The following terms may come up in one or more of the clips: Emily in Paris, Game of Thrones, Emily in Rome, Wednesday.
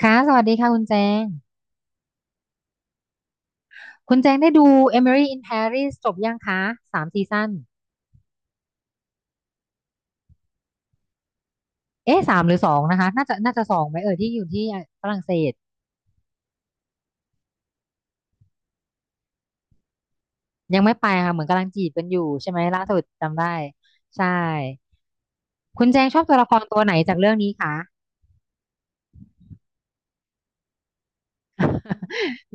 ค่ะสวัสดีค่ะคุณแจงคุณแจงได้ดู Emily in Paris จบยังคะ3 ซีซั่นเอ๊ะ3 หรือ 2นะคะน่าจะสองไหมเอ่ยที่อยู่ที่ฝรั่งเศสยังไม่ไปค่ะเหมือนกำลังจีบกันอยู่ใช่ไหมล่าสุดจำได้ใช่คุณแจงชอบตัวละครตัวไหนจากเรื่องนี้คะ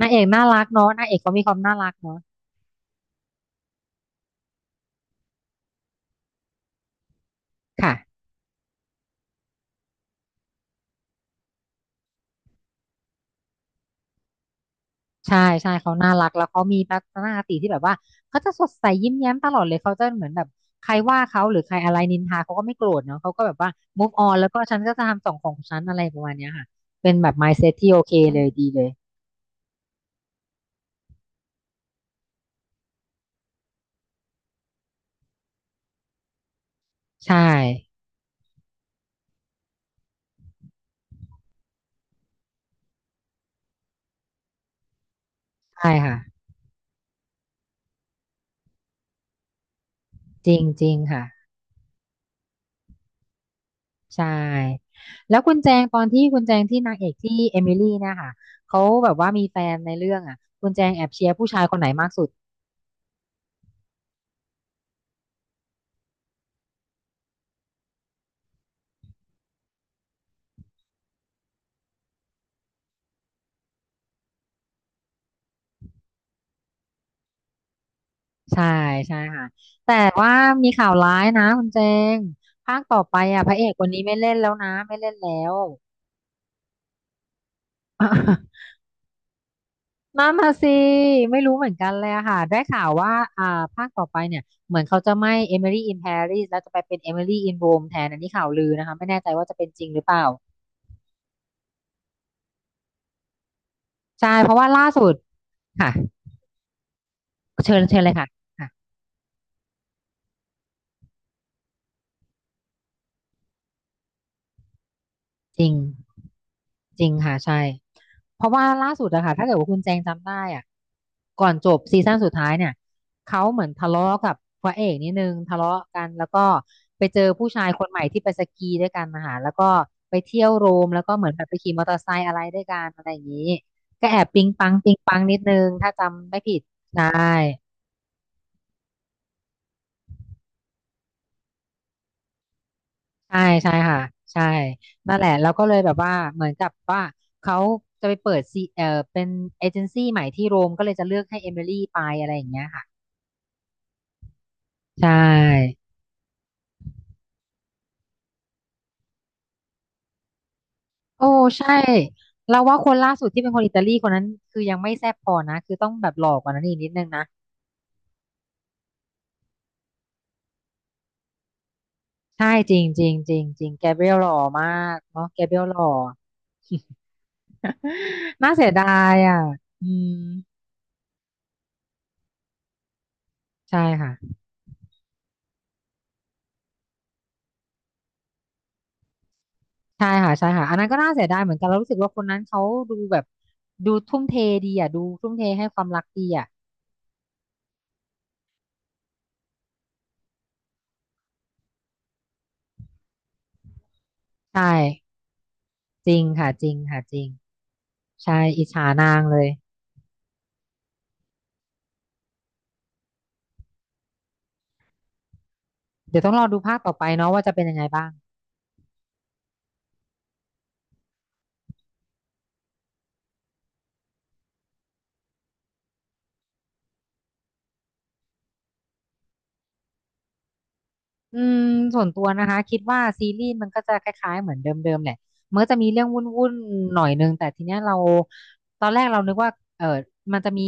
นางเอกน่ารักเนาะนางเอกเขามีความน่ารักเนาะค่ะ ใช่ใช่เขาน่ารักแล้วเขามีทัศนคติที่แบบว่าเขาจะสดใสยิ้มแย้มตลอดเลยเขาจะเหมือนแบบใครว่าเขาหรือใครอะไรนินทาเขาก็ไม่โกรธเนาะเขาก็แบบว่า move on แล้วก็ฉันก็จะทำสองของฉันอะไรประมาณเนี้ยค่ะเป็นแบบ mindset ที่โอเคเลยดีเลยใช่ใช่ค่ะจริงจริงค่ะใช่แล้วคุณแจงตอนที่คุณแจงที่นางเอกที่เอมิลี่เนี่ยค่ะเขาแบบว่ามีแฟนในเรื่องอ่ะคุณแจงแอบเชียร์ผู้ชายคนไหนมากสุด ใช่ใช่ค่ะแต่ว่ามีข่าวร้ายนะคุณเจงภาคต่อไปอ่ะพระเอกคนนี้ไม่เล่นแล้วนะไม่เล่นแล้ว นั่นน่ะสิไม่รู้เหมือนกันเลยอะค่ะได้ข่าวว่าอ่าภาคต่อไปเนี่ยเหมือนเขาจะไม่ Emily in Paris แล้วจะไปเป็น Emily in Rome แทนอันนี้ข่าวลือนะคะไม่แน่ใจว่าจะเป็นจริงหรือเปล่าใช่เพราะว่าล่าสุดค่ะเชิญเชิญเลยค่ะค่ะจริงจริงค่ะใช่ เพราะว่าล่าสุดอะค่ะถ้าเกิดว่าคุณแจงจำได้อะก่อนจบซีซั่นสุดท้ายเนี่ยเขาเหมือนทะเลาะกับพระเอกนิดนึงทะเลาะกันแล้วก็ไปเจอผู้ชายคนใหม่ที่ไปสกีด้วยกันนะคะแล้วก็ไปเที่ยวโรมแล้วก็เหมือนแบบไปขี่มอเตอร์ไซค์อะไรด้วยกันอะไรอย่างนี้ก็แอบปิ๊งปังปิ๊งปังนิดนึงถ้าจำไม่ผิดใช่ใช่ใช่ค่ะใช่นั่นแหละแล้วก็เลยแบบว่าเหมือนกับว่าเขาจะไปเปิดซีเอ่อเป็นเอเจนซี่ใหม่ที่โรมก็เลยจะเลือกให้เอมิลี่ไปอะไรอย่างเงี้ยค่ะ ใช่โอ้ใช่เราว่าคนล่าสุดที่เป็นคนอิตาลีคนนั้นคือยังไม่แซ่บพอนะคือต้องแบบหล่อกว่านั้นอีกนิดนึงนะใช่จริงจริงจริงจริงแกเบรียลหล่อมากเนาะแกเบรียลหล่อ น่าเสียดายอ่ะอืมใช่ค่ะใช่ค่ะใช่ค่ะอันนั้นก็น่าเสียดายเหมือนกันเรารู้สึกว่าคนนั้นเขาดูแบบดูทุ่มเทดีอ่ะดูทุ่มเทให้ความรักดีอ่ะใช่จริงค่ะจริงค่ะจริงใช่อิจฉานางเลยเดี๋ยวต้องรอดูภาคต่อไปเนาะว่าจะเป็นยังไงบ้าง อืมส่วนตัวนะคะคิดว่าซีรีส์มันก็จะคล้ายๆเหมือนเดิมๆแหละมันก็จะมีเรื่องวุ่นๆหน่อยนึงแต่ทีเนี้ยเราตอนแรกเรานึกว่าเออมันจะมี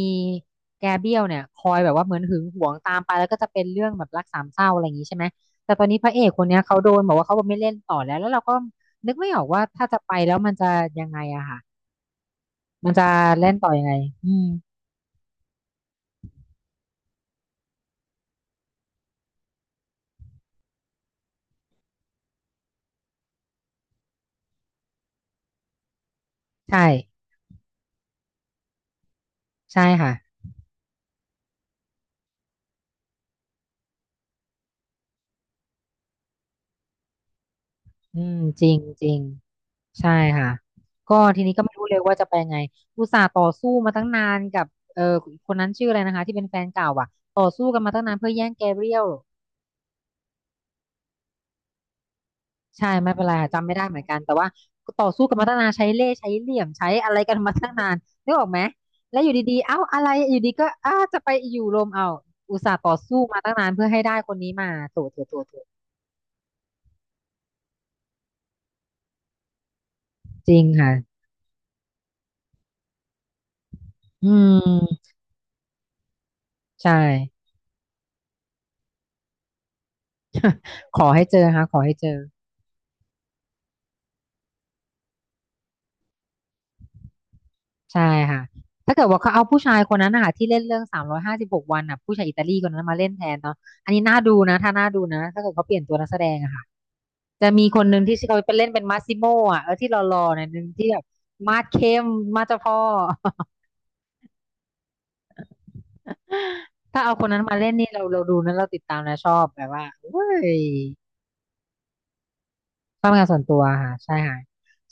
แกเบี้ยวเนี่ยคอยแบบว่าเหมือนหึงหวงตามไปแล้วก็จะเป็นเรื่องแบบรักสามเศร้าอะไรอย่างนี้ใช่ไหมแต่ตอนนี้พระเอกคนเนี้ยเขาโดนบอกว่าเขาไม่เล่นต่อแล้วแล้วเราก็นึกไม่ออกว่าถ้าจะไปแล้วมันจะยังไงอะค่ะมันจะเล่นต่อยังไงอืมใช่ใช่ค่ะอืมจริงจริง ใช่ค่ะก็ทีนี้ก็ไม่รู้เลยว่าจะไปยังไงอุตส่าห์ต่อสู้มาตั้งนานกับเออคนนั้นชื่ออะไรนะคะที่เป็นแฟนเก่าอ่ะต่อสู้กันมาตั้งนานเพื่อแย่งแกเรียลใช่ไม่เป็นไรค่ะจำไม่ได้เหมือนกันแต่ว่าต่อสู้กันมาตั้งนานใช้เล่ห์ใช้เหลี่ยมใช้อะไรกันมาตั้งนานนึกออกไหมแล้วอยู่ดีๆเอ้าอะไรอยู่ดีก็อ้าจะไปอยู่รวมเอาอุตส่าห์ต่อสู้มาตั้งนานเพื่อให้ได้คนนี้มาโถโถโถโถจริงค่ะอืมใช่ขอให้เจอค่ะขอให้เจอ ใช่ค่ะถ้าเกิดว่าเขาเอาผู้ชายคนนั้นนะคะที่เล่นเรื่อง356 วันอ่ะผู้ชายอิตาลีคนนั้นมาเล่นแทนเนาะอันนี้น่าดูนะถ้าน่าดูนะถ้าเกิดเขาเปลี่ยนตัวนักแสดงอะค่ะจะมีคนหนึ่งที่เขาไปเล่นเป็นมาซิโมอ่ะเออที่หล่อๆหน่อยนึงที่แบบมาดเข้มมาดเจ้าพ่อ ถ้าเอาคนนั้นมาเล่นนี่เราดูนะเราติดตามนะชอบแบบว่าเว้ยชอบงานส่วนตัวค่ะใช่ค่ะ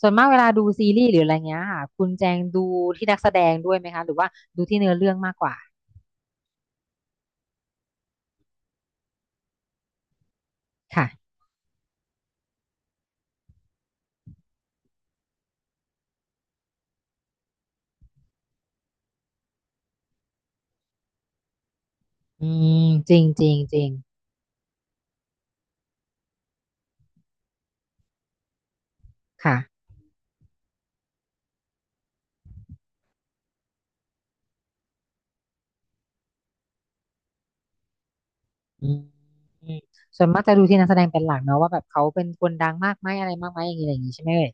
ส่วนมากเวลาดูซีรีส์หรืออะไรเงี้ยค่ะคุณแจงดูที่นักแสดงด้วยไหมคะหรือว่าดูที่เนื้อเรื่องมากกว่าค่ะอืมจริงจริงจริง ค่ะอืมอืมส่วนมากจะดูที่นักแสดงเป็นหลักเนอะว่าแบบเขาเป็นคนดังมากไหมอะไรมากไหมอย่างนี้อะไรอย่างนี้ใช่ไหมเอ่ย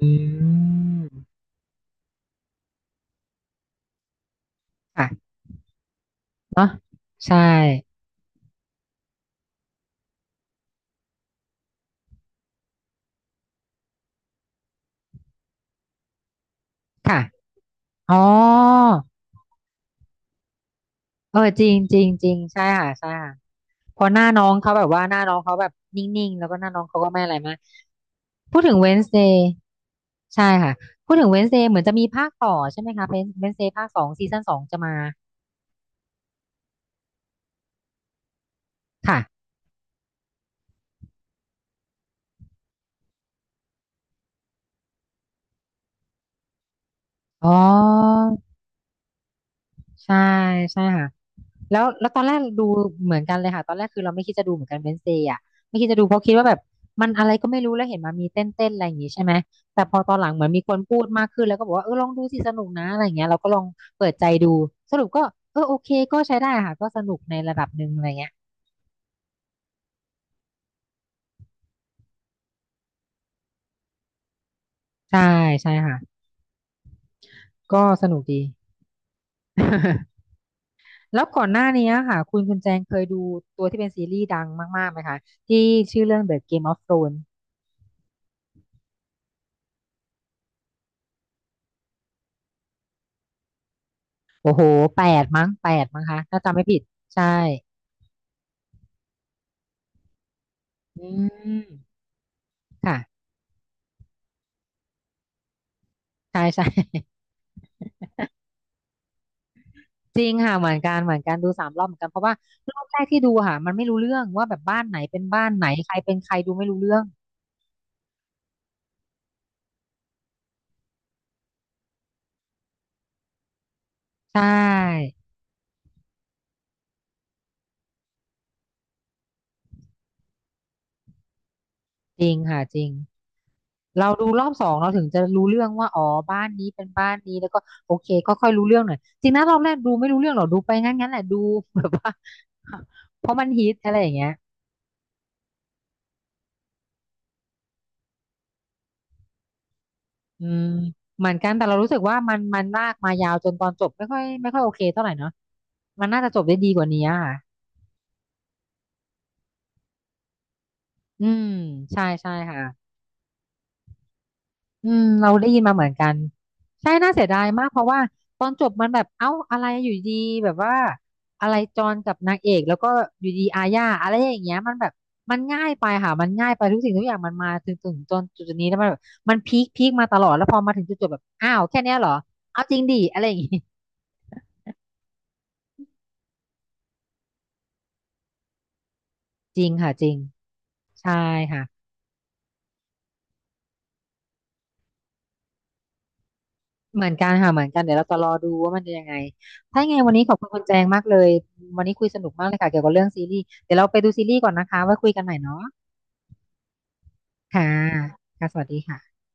อืมค่ะเนอะใช่ค่ะอ๋อเออจริงจริงจริงใช่ค่ะใช่ค่ะเพอหน้าน้องเขาแบบว่าหน้าน้องเขาแบบนิ่งๆแล้วก็หน้าน้องเขาก็ไม่อะไรมากพูดถึงเวนส์เดย์ใช่ค่ะพูดถึงเวนส์เดย์เหมือนจะมีภาคต่อใช่ไหมคะเป็นเวนส์เดย์ภาคสองซีซั่นสองจะมาค่ะอ๋อใช่ใช่ค่ะ แล้วตอนแรกดูเหมือนกันเลยค่ะ ตอนแรกคือเราไม่คิดจะดูเหมือนกันเบน n เ s ย์อ่ะไม่คิดจะดูเพราะคิดว่าแบบมันอะไรก็ไม่รู้แล้วเห็นมามีเต้นเต้นอะไรอย่างงี้ใช่ไหม แต่พอตอนหลังเหมือนมีคนพูดมากขึ้นแล้วก็บอกว่าเออลองดูสิสนุกนะอะไรอย่างเงี้ยเราก็ลองเปิดใจดูสรุปก็เออโอเคก็ใช้ได้ค่ะก็สนุกในระดับหนึ่งอะไรเงี้ยใช่ใช่ค่ะ ก็สนุกดี แล้วก่อนหน้านี้ค่ะคุณแจงเคยดูตัวที่เป็นซีรีส์ดังมากๆไหมคะที่ชื่อเรื่อง The Game of Thrones โอ้โห8มั้งแปดมั้งคะถ้าจำไม่ผิดใช่ อืมค่ะใช่ใช่ จริงค่ะเหมือนกันเหมือนกันดู3 รอบเหมือนกันเพราะว่ารอบแรกที่ดูค่ะมันไม่รู้เรื่องว่าแบบบ้านไหนเป็นบ้านไหนใครเป็นใครดูไม่รู้เรื่องใช่จริงค่ะจริงเราดูรอบ 2เราถึงจะรู้เรื่องว่าอ๋อบ้านนี้เป็นบ้านนี้แล้วก็โอเคก็ค่อยรู้เรื่องหน่อยจริงนะรอบแรกดูไม่รู้เรื่องหรอกดูไปงั้นงั้นแหละดูแบบว่า เพราะมันฮิตอะไรอย่างเงี้ยอืมเหมือนกันแต่เรารู้สึกว่ามันลากมายาวจนตอนจบไม่ค่อยไม่ค่อยโอเคเท่าไหร่เนาะมันน่าจะจบได้ดีกว่านี้อะค่ะ อืมใช่ใช่ค่ะอืมเราได้ยินมาเหมือนกันใช่น่าเสียดายมากเพราะว่าตอนจบมันแบบเอ้าอะไรอยู่ดีแบบว่าอะไรจอนกับนางเอกแล้วก็อยู่ดีอาญาอะไรอย่างเงี้ยมันแบบมันง่ายไปค่ะมันง่ายไปทุกสิ่งทุกอย่างมันมาถึงจนจุดนี้แล้วมันแบบมันพีคพีคมาตลอดแล้วพอมาถึงจุดจบแบบอ้าวแค่เนี้ยเหรอเอาจริงดิอะไรอย่างงี้ จริงค่ะจริงใช่ค่ะ เหมือนกันค่ะเหมือนกันเดี๋ยวเราจะรอดูว่ามันจะยังไงถ้ายังไงวันนี้ขอบคุณคุณแจงมากเลยวันนี้คุยสนุกมากเลยค่ะเกี่ยวกับเรื่องซีรีส์เดี๋ยวเราไปดูซีรีส์ก่อนนะคะไว้คุยกันใหม่เนาะค่ะค่ะสวัสดีค่ะ